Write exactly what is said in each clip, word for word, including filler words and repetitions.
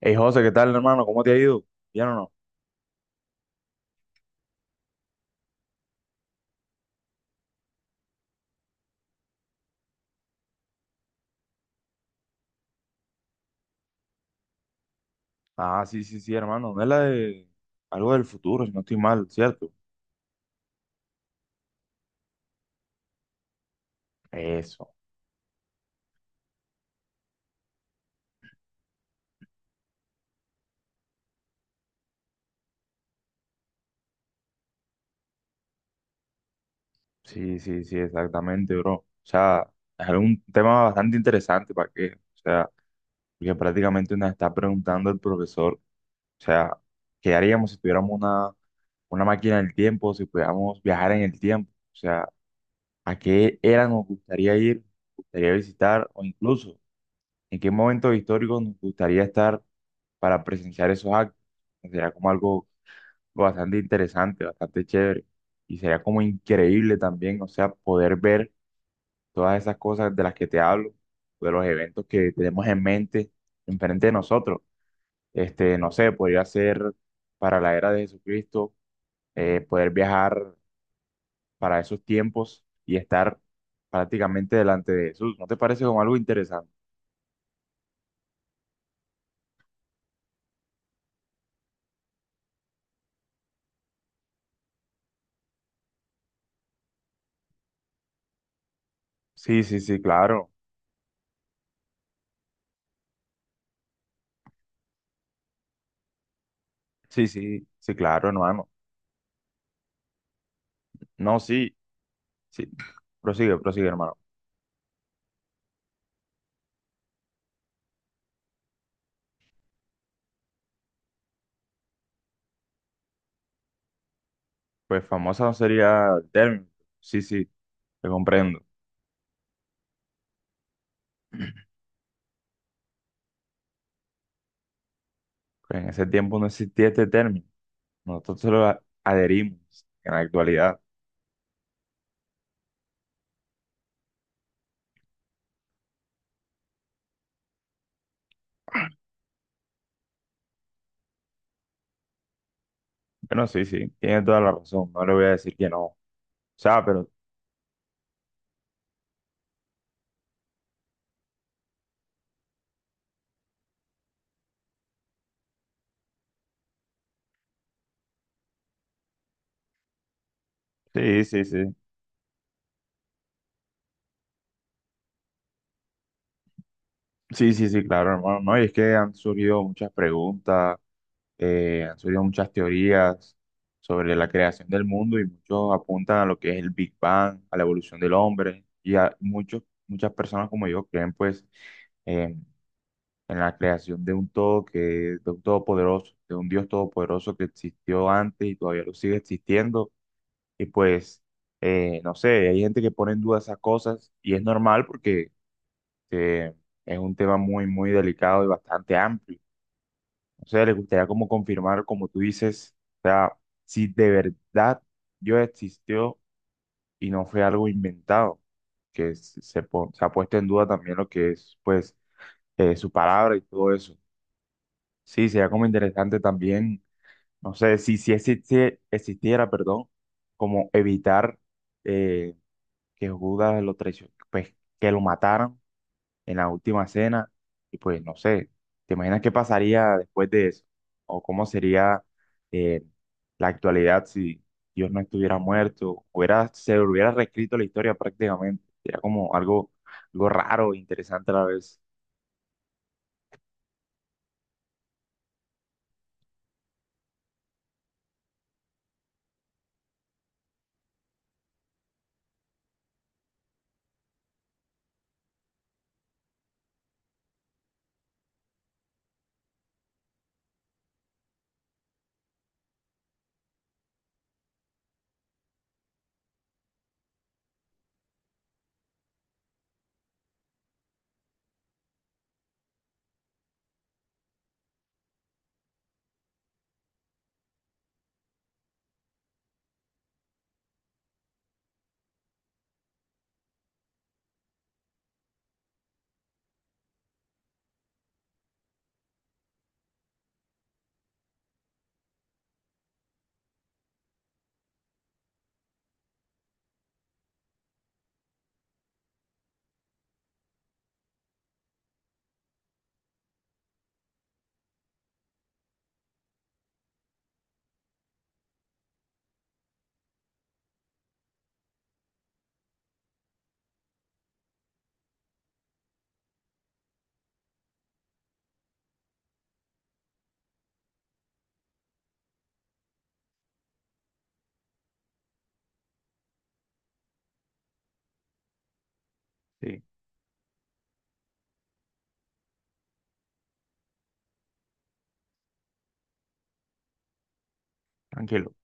Hey José, ¿qué tal, hermano? ¿Cómo te ha ido? ¿Bien o no? Ah, sí, sí, sí, hermano. No es la de algo del futuro, si no estoy mal, ¿cierto? Eso. Sí, sí, sí, exactamente, bro. O sea, es un tema bastante interesante para qué, o sea, porque prácticamente nos está preguntando el profesor, o sea, ¿qué haríamos si tuviéramos una, una máquina del tiempo, si pudiéramos viajar en el tiempo? O sea, ¿a qué era nos gustaría ir, nos gustaría visitar, o incluso en qué momento histórico nos gustaría estar? para presenciar esos actos? Sería como algo bastante interesante, bastante chévere. Y sería como increíble también, o sea, poder ver todas esas cosas de las que te hablo, de los eventos que tenemos en mente, enfrente de nosotros. Este, no sé, podría ser para la era de Jesucristo, eh, poder viajar para esos tiempos y estar prácticamente delante de Jesús. ¿No te parece como algo interesante? Sí, sí, sí, claro. Sí, sí, sí, claro, hermano. No, sí, sí. Prosigue, prosigue, hermano. Pues famosa no sería el término. Sí, sí, te comprendo. Pues en ese tiempo no existía este término. Nosotros se lo a- adherimos en la actualidad. Bueno, sí, sí, tiene toda la razón. No le voy a decir que no. O sea, pero sí, sí, sí. Sí, sí, sí, claro, hermano. No, y es que han surgido muchas preguntas, eh, han surgido muchas teorías sobre la creación del mundo, y muchos apuntan a lo que es el Big Bang, a la evolución del hombre. Y a muchos, muchas personas como yo creen, pues, en la creación de un todo, que, de un todopoderoso, de un Dios todopoderoso que existió antes y todavía lo sigue existiendo. Y pues, eh, no sé, hay gente que pone en duda esas cosas, y es normal porque eh, es un tema muy, muy delicado y bastante amplio. No sé, les gustaría como confirmar, como tú dices, o sea, si de verdad Dios existió y no fue algo inventado, que se, se pon- se ha puesto en duda también lo que es, pues, eh, su palabra y todo eso. Sí, sería como interesante también, no sé, si, si existe- existiera, perdón, como evitar eh, que Judas lo traicionara, pues, que lo mataran en la última cena. Y pues, no sé, ¿te imaginas qué pasaría después de eso? ¿O cómo sería, eh, la actualidad si Dios no estuviera muerto? Hubiera, se hubiera reescrito la historia prácticamente. Sería como algo, algo, raro, interesante a la vez. Sí, tranquilo.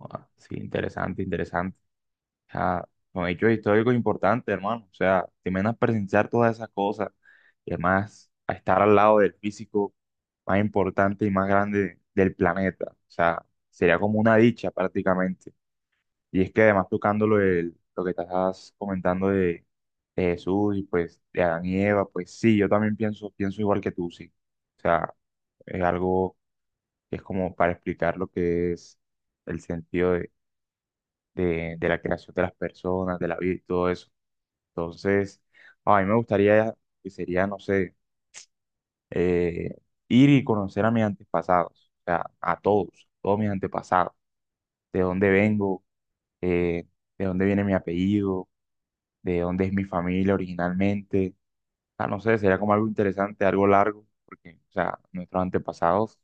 Ah, sí, interesante, interesante. O sea, son hechos históricos importantes, hermano. O sea, te imaginas presenciar todas esas cosas y además a estar al lado del físico más importante y más grande del planeta. O sea, sería como una dicha prácticamente. Y es que además tocando lo, del- lo que estás comentando de, de Jesús y pues de Adán y Eva. Pues sí, yo también pienso, pienso igual que tú, sí. O sea, es algo que es como para explicar lo que es el sentido de, de de la creación de las personas, de la vida y todo eso. Entonces, a mí me gustaría, que sería, no sé, eh, ir y conocer a mis antepasados, o sea, a todos, todos mis antepasados, de dónde vengo, eh, de dónde viene mi apellido, de dónde es mi familia originalmente. Ah, no sé, sería como algo interesante, algo largo, porque, o sea, nuestros antepasados,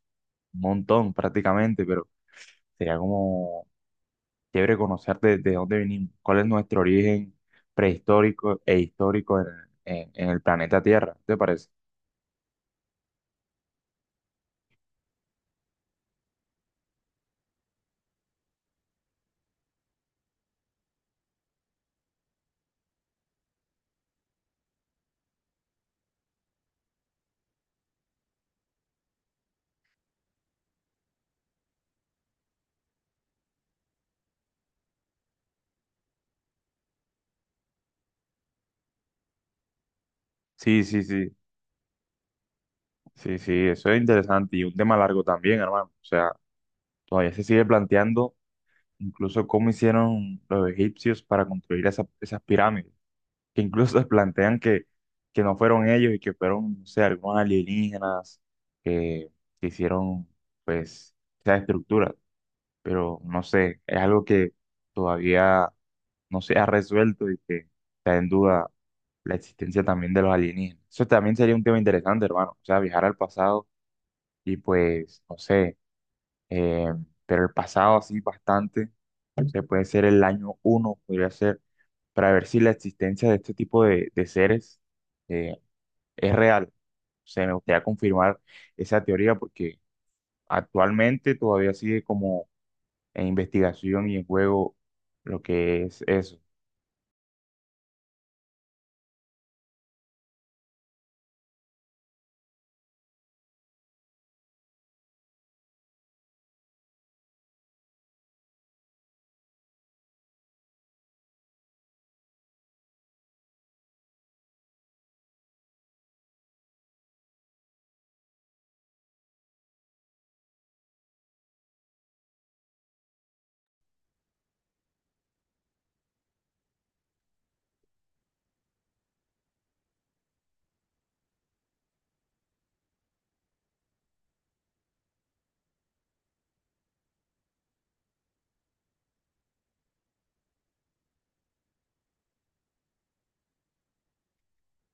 un montón prácticamente, pero sería como chévere conocer de, de, dónde venimos, cuál es nuestro origen prehistórico e histórico en, en en el planeta Tierra, ¿te parece? Sí, sí, sí, sí, sí, eso es interesante y un tema largo también, hermano. O sea, todavía se sigue planteando incluso cómo hicieron los egipcios para construir esas, esas, pirámides, que incluso se plantean que, que no fueron ellos, y que fueron, no sé, algunos alienígenas que, que hicieron, pues, esa estructura. Pero no sé, es algo que todavía no se ha resuelto, y que está en duda la existencia también de los alienígenas. Eso también sería un tema interesante, hermano. O sea, viajar al pasado y pues, no sé, eh, pero el pasado sí bastante, o sea, puede ser el año uno, podría ser, para ver si la existencia de este tipo de, de seres eh, es real. O sea, me gustaría confirmar esa teoría porque actualmente todavía sigue como en investigación y en juego lo que es eso.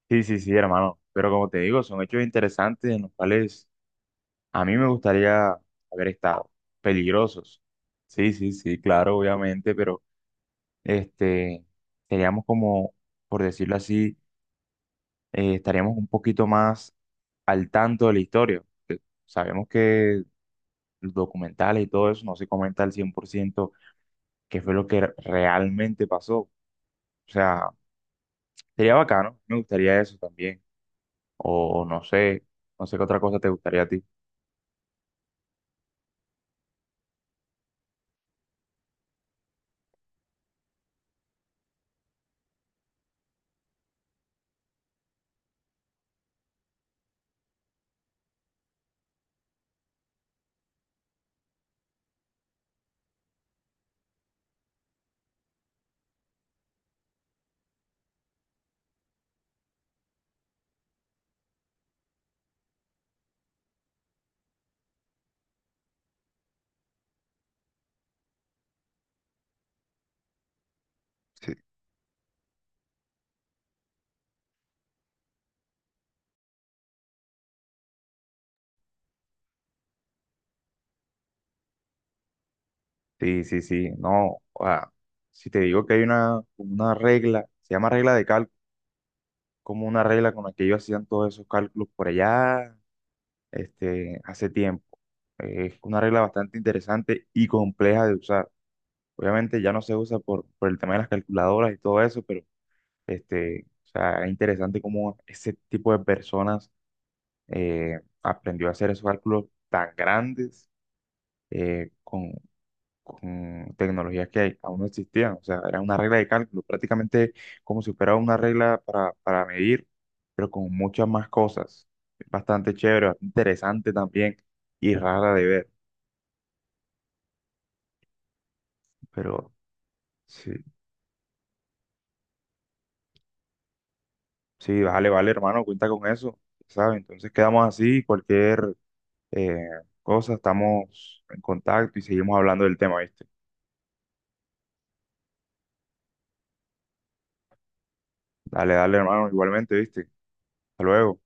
Sí, sí, sí, hermano, pero como te digo, son hechos interesantes en los cuales a mí me gustaría haber estado, peligrosos. Sí, sí, sí, claro, obviamente, pero... este, seríamos como, por decirlo así, eh, estaríamos un poquito más al tanto de la historia. porque sabemos que los documentales y todo eso no se comenta al cien por ciento qué fue lo que re- realmente pasó. O sea, sería bacano, me gustaría eso también. O o no sé, no sé, qué otra cosa te gustaría a ti. Sí, sí, sí, no, o sea, si te digo que hay una, una regla, se llama regla de cálculo, como una regla con la que ellos hacían todos esos cálculos por allá, este, hace tiempo. Eh, Es una regla bastante interesante y compleja de usar. Obviamente ya no se usa por, por el tema de las calculadoras y todo eso, pero este, o sea, es interesante cómo ese tipo de personas eh, aprendió a hacer esos cálculos tan grandes, eh, con con tecnologías que aún no existían. O sea, era una regla de cálculo, prácticamente como si fuera una regla para, para medir, pero con muchas más cosas. Es bastante chévere, bastante interesante también, y rara de ver. Pero sí, sí, vale, vale, hermano, cuenta con eso, ¿sabes? Entonces quedamos así, cualquier eh, cosa, estamos en contacto y seguimos hablando del tema, ¿viste? Dale, dale, hermano, igualmente, ¿viste? Hasta luego.